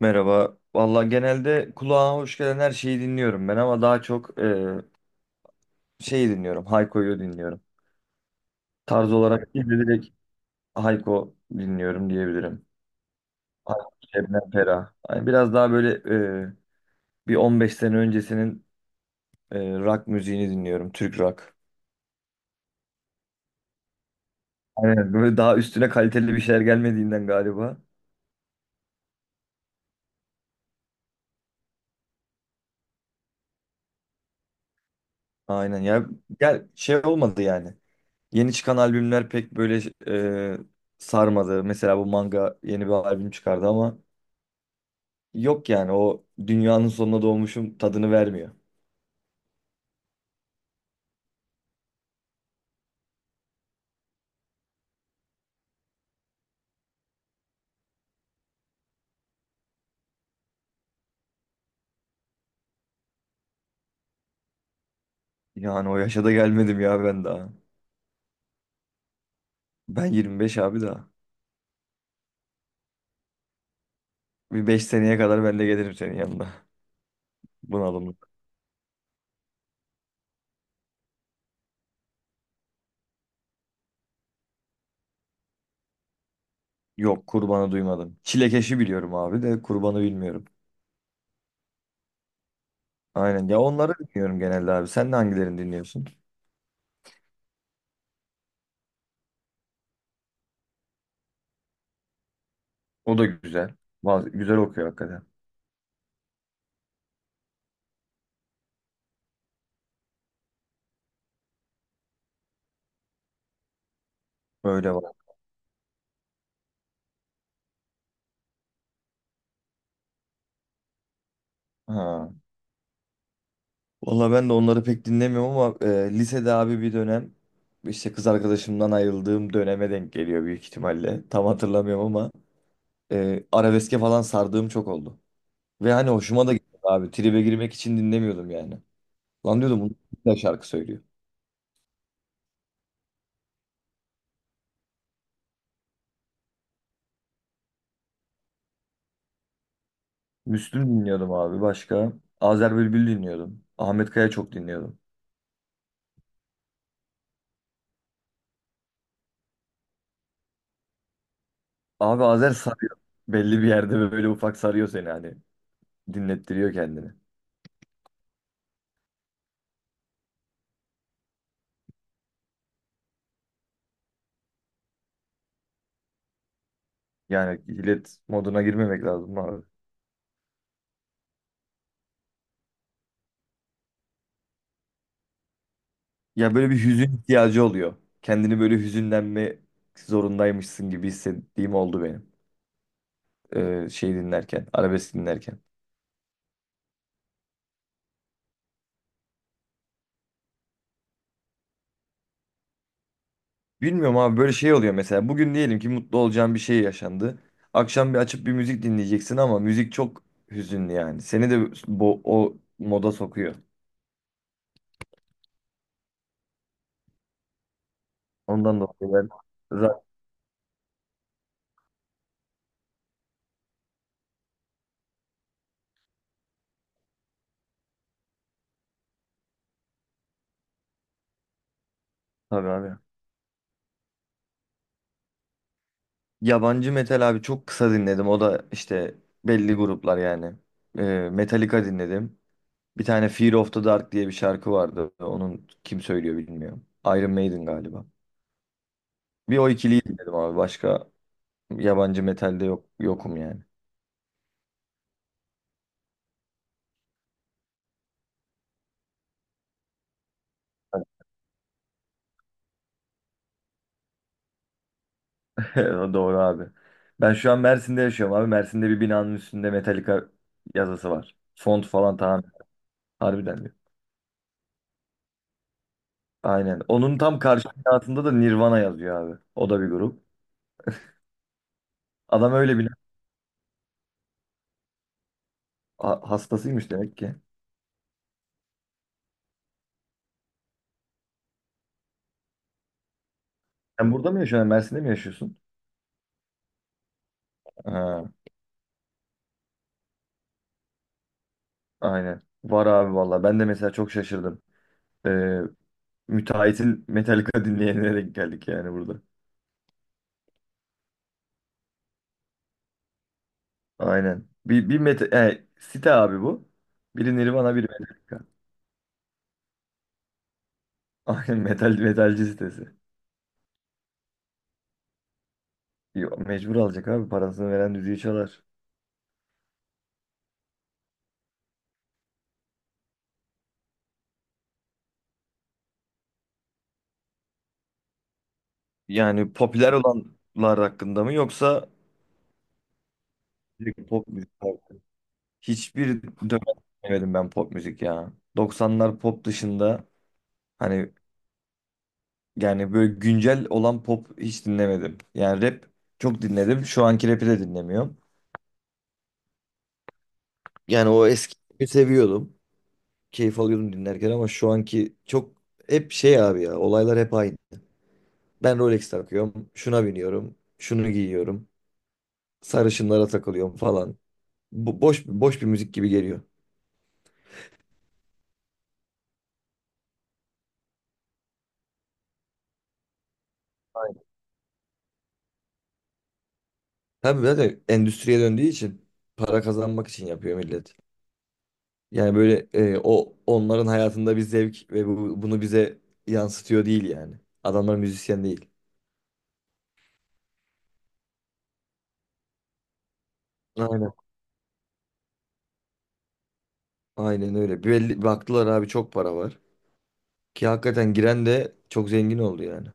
Merhaba. Valla genelde kulağıma hoş gelen her şeyi dinliyorum ben ama daha çok şeyi dinliyorum. Hayko'yu dinliyorum. Tarz olarak değil de direkt Hayko dinliyorum diyebilirim. Hayko, Şebnem Ferah. Yani biraz daha böyle e, bir 15 sene öncesinin rock müziğini dinliyorum. Türk rock. Aynen böyle daha üstüne kaliteli bir şeyler gelmediğinden galiba. Aynen ya. Gel şey olmadı yani. Yeni çıkan albümler pek böyle e, sarmadı. Mesela bu Manga yeni bir albüm çıkardı ama yok yani o dünyanın sonuna doğmuşum tadını vermiyor. Yani o yaşa da gelmedim ya ben daha. Ben 25 abi daha. Bir 5 seneye kadar ben de gelirim senin yanına. Bunalımlık. Yok, kurbanı duymadım. Çilekeşi biliyorum abi de kurbanı bilmiyorum. Aynen ya, onları dinliyorum genelde abi. Sen de hangilerini dinliyorsun? O da güzel. Bazı, güzel okuyor hakikaten. Öyle var. Ha. Valla ben de onları pek dinlemiyorum ama lisede abi bir dönem işte kız arkadaşımdan ayrıldığım döneme denk geliyor büyük ihtimalle. Tam hatırlamıyorum ama arabeske falan sardığım çok oldu. Ve hani hoşuma da gitti abi. Tribe girmek için dinlemiyordum yani. Lan diyordum bunu ne şarkı söylüyor. Müslüm dinliyordum abi başka. Azer Bülbül dinliyordum. Ahmet Kaya çok dinliyordum. Abi Azer sarıyor. Belli bir yerde böyle ufak sarıyor seni hani. Dinlettiriyor kendini. Yani illet moduna girmemek lazım abi. Ya böyle bir hüzün ihtiyacı oluyor. Kendini böyle hüzünlenme zorundaymışsın gibi hissettiğim oldu benim. Şey dinlerken, arabesk dinlerken. Bilmiyorum abi böyle şey oluyor mesela bugün diyelim ki mutlu olacağın bir şey yaşandı. Akşam bir açıp bir müzik dinleyeceksin ama müzik çok hüzünlü yani. Seni de bu o moda sokuyor. Ondan dolayı ben rock tabii abi. Yabancı metal abi çok kısa dinledim. O da işte belli gruplar yani. Metallica dinledim. Bir tane Fear of the Dark diye bir şarkı vardı. Onun kim söylüyor bilmiyorum. Iron Maiden galiba. Bir o ikiliyi dinledim abi. Başka yabancı metalde yok yokum yani. O doğru abi. Ben şu an Mersin'de yaşıyorum abi. Mersin'de bir binanın üstünde Metallica yazısı var. Font falan tamam. Harbiden diyor. Aynen. Onun tam karşı binasında da Nirvana yazıyor abi. O da bir grup. Adam öyle bir hastasıymış demek ki. Sen burada mı yaşıyorsun? Mersin'de mi yaşıyorsun? Ha, aynen. Var abi valla. Ben de mesela çok şaşırdım. Ee, müteahhitin Metallica dinleyenlere denk geldik yani burada. Aynen. Bir meta site abi bu. Biri Nirvana, biri Metallica. Aynen metal metalci sitesi. Yo, mecbur alacak abi parasını veren düdüğü çalar. Yani popüler olanlar hakkında mı yoksa direkt pop müzik? Hakkı? Hiçbir dönem dinlemedim ben pop müzik ya. 90'lar pop dışında hani yani böyle güncel olan pop hiç dinlemedim. Yani rap çok dinledim. Şu anki rap'i de dinlemiyorum. Yani o eskiyi seviyordum. Keyif alıyordum dinlerken ama şu anki çok hep şey abi ya olaylar hep aynı. Ben Rolex takıyorum. Şuna biniyorum. Şunu giyiyorum. Sarışınlara takılıyorum falan. Bu boş boş bir müzik gibi geliyor. Tabii zaten endüstriye döndüğü için para kazanmak için yapıyor millet. Yani böyle o onların hayatında bir zevk ve bunu bize yansıtıyor değil yani. Adamlar müzisyen değil. Aynen. Aynen öyle. Belli, baktılar abi çok para var. Ki hakikaten giren de çok zengin oldu yani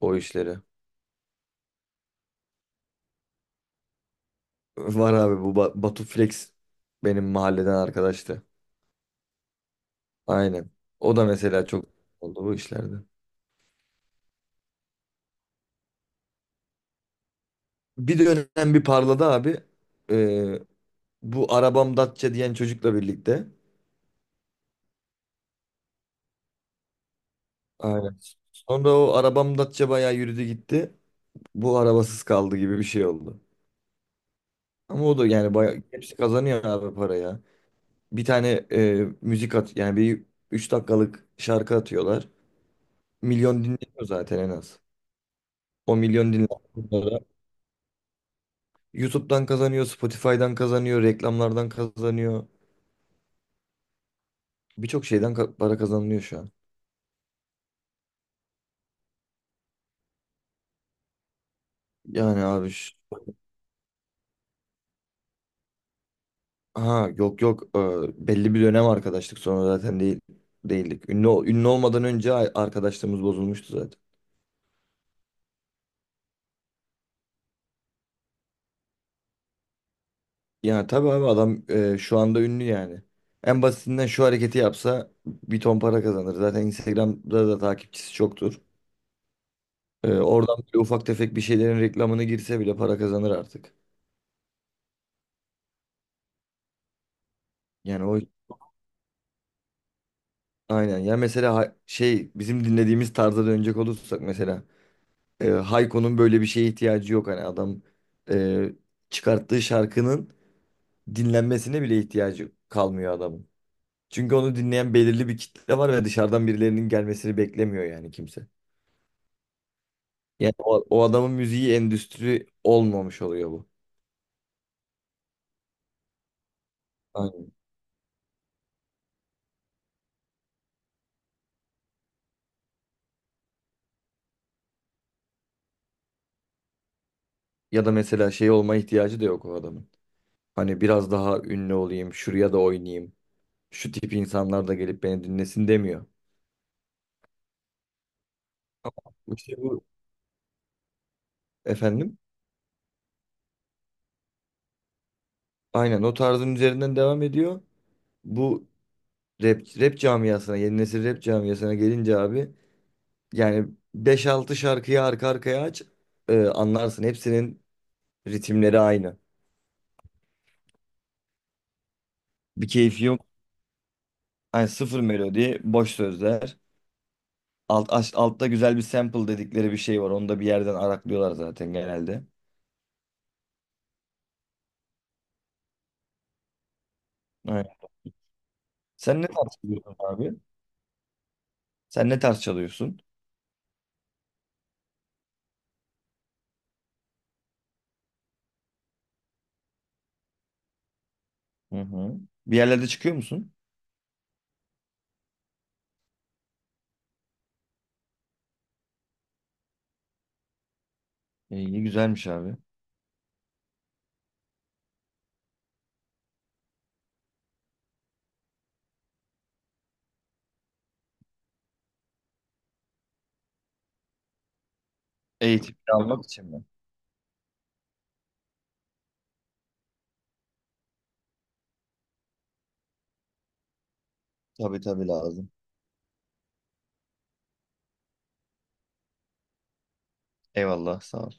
o işlere. Var abi bu Batu Flex benim mahalleden arkadaştı. Aynen. O da mesela çok oldu bu işlerde. Bir dönem bir parladı abi. Ee, bu arabam Datça diyen çocukla birlikte. Aynen. Sonra o arabam Datça bayağı yürüdü gitti. Bu arabasız kaldı gibi bir şey oldu. Ama o da yani bayağı hepsi kazanıyor abi paraya. Bir tane müzik at yani bir 3 dakikalık şarkı atıyorlar. Milyon dinleniyor zaten en az. O milyon dinleniyor. YouTube'dan kazanıyor, Spotify'dan kazanıyor, reklamlardan kazanıyor. Birçok şeyden para kazanılıyor şu an. Yani abi ha, yok, yok. Belli bir dönem arkadaşlık sonra zaten değil değildik. Ünlü olmadan önce arkadaşlığımız bozulmuştu zaten. Yani tabii abi adam şu anda ünlü yani. En basitinden şu hareketi yapsa bir ton para kazanır. Zaten Instagram'da da takipçisi çoktur. Oradan bile ufak tefek bir şeylerin reklamını girse bile para kazanır artık. Yani o aynen. Ya mesela şey bizim dinlediğimiz tarza dönecek olursak mesela Hayko'nun böyle bir şeye ihtiyacı yok hani adam e, çıkarttığı şarkının dinlenmesine bile ihtiyacı kalmıyor adamın. Çünkü onu dinleyen belirli bir kitle var ve dışarıdan birilerinin gelmesini beklemiyor yani kimse. Yani o adamın müziği endüstri olmamış oluyor bu. Aynen. Ya da mesela şey olma ihtiyacı da yok o adamın. Hani biraz daha ünlü olayım, şuraya da oynayayım. Şu tip insanlar da gelip beni dinlesin demiyor. İşte bu efendim. Aynen o tarzın üzerinden devam ediyor. Bu rap camiasına, yeni nesil rap camiasına gelince abi yani beş altı şarkıyı arka arkaya aç, anlarsın. Hepsinin ritimleri aynı. Bir keyfi yok. Yani sıfır melodi, boş sözler. Altta güzel bir sample dedikleri bir şey var. Onu da bir yerden araklıyorlar zaten genelde. Aynen. Sen ne tarz çalıyorsun abi? Sen ne tarz çalıyorsun? Hı hı. Bir yerlerde çıkıyor musun? İyi, güzelmiş abi. Eğitim almak için mi? Tabii tabii lazım. Eyvallah, sağ ol.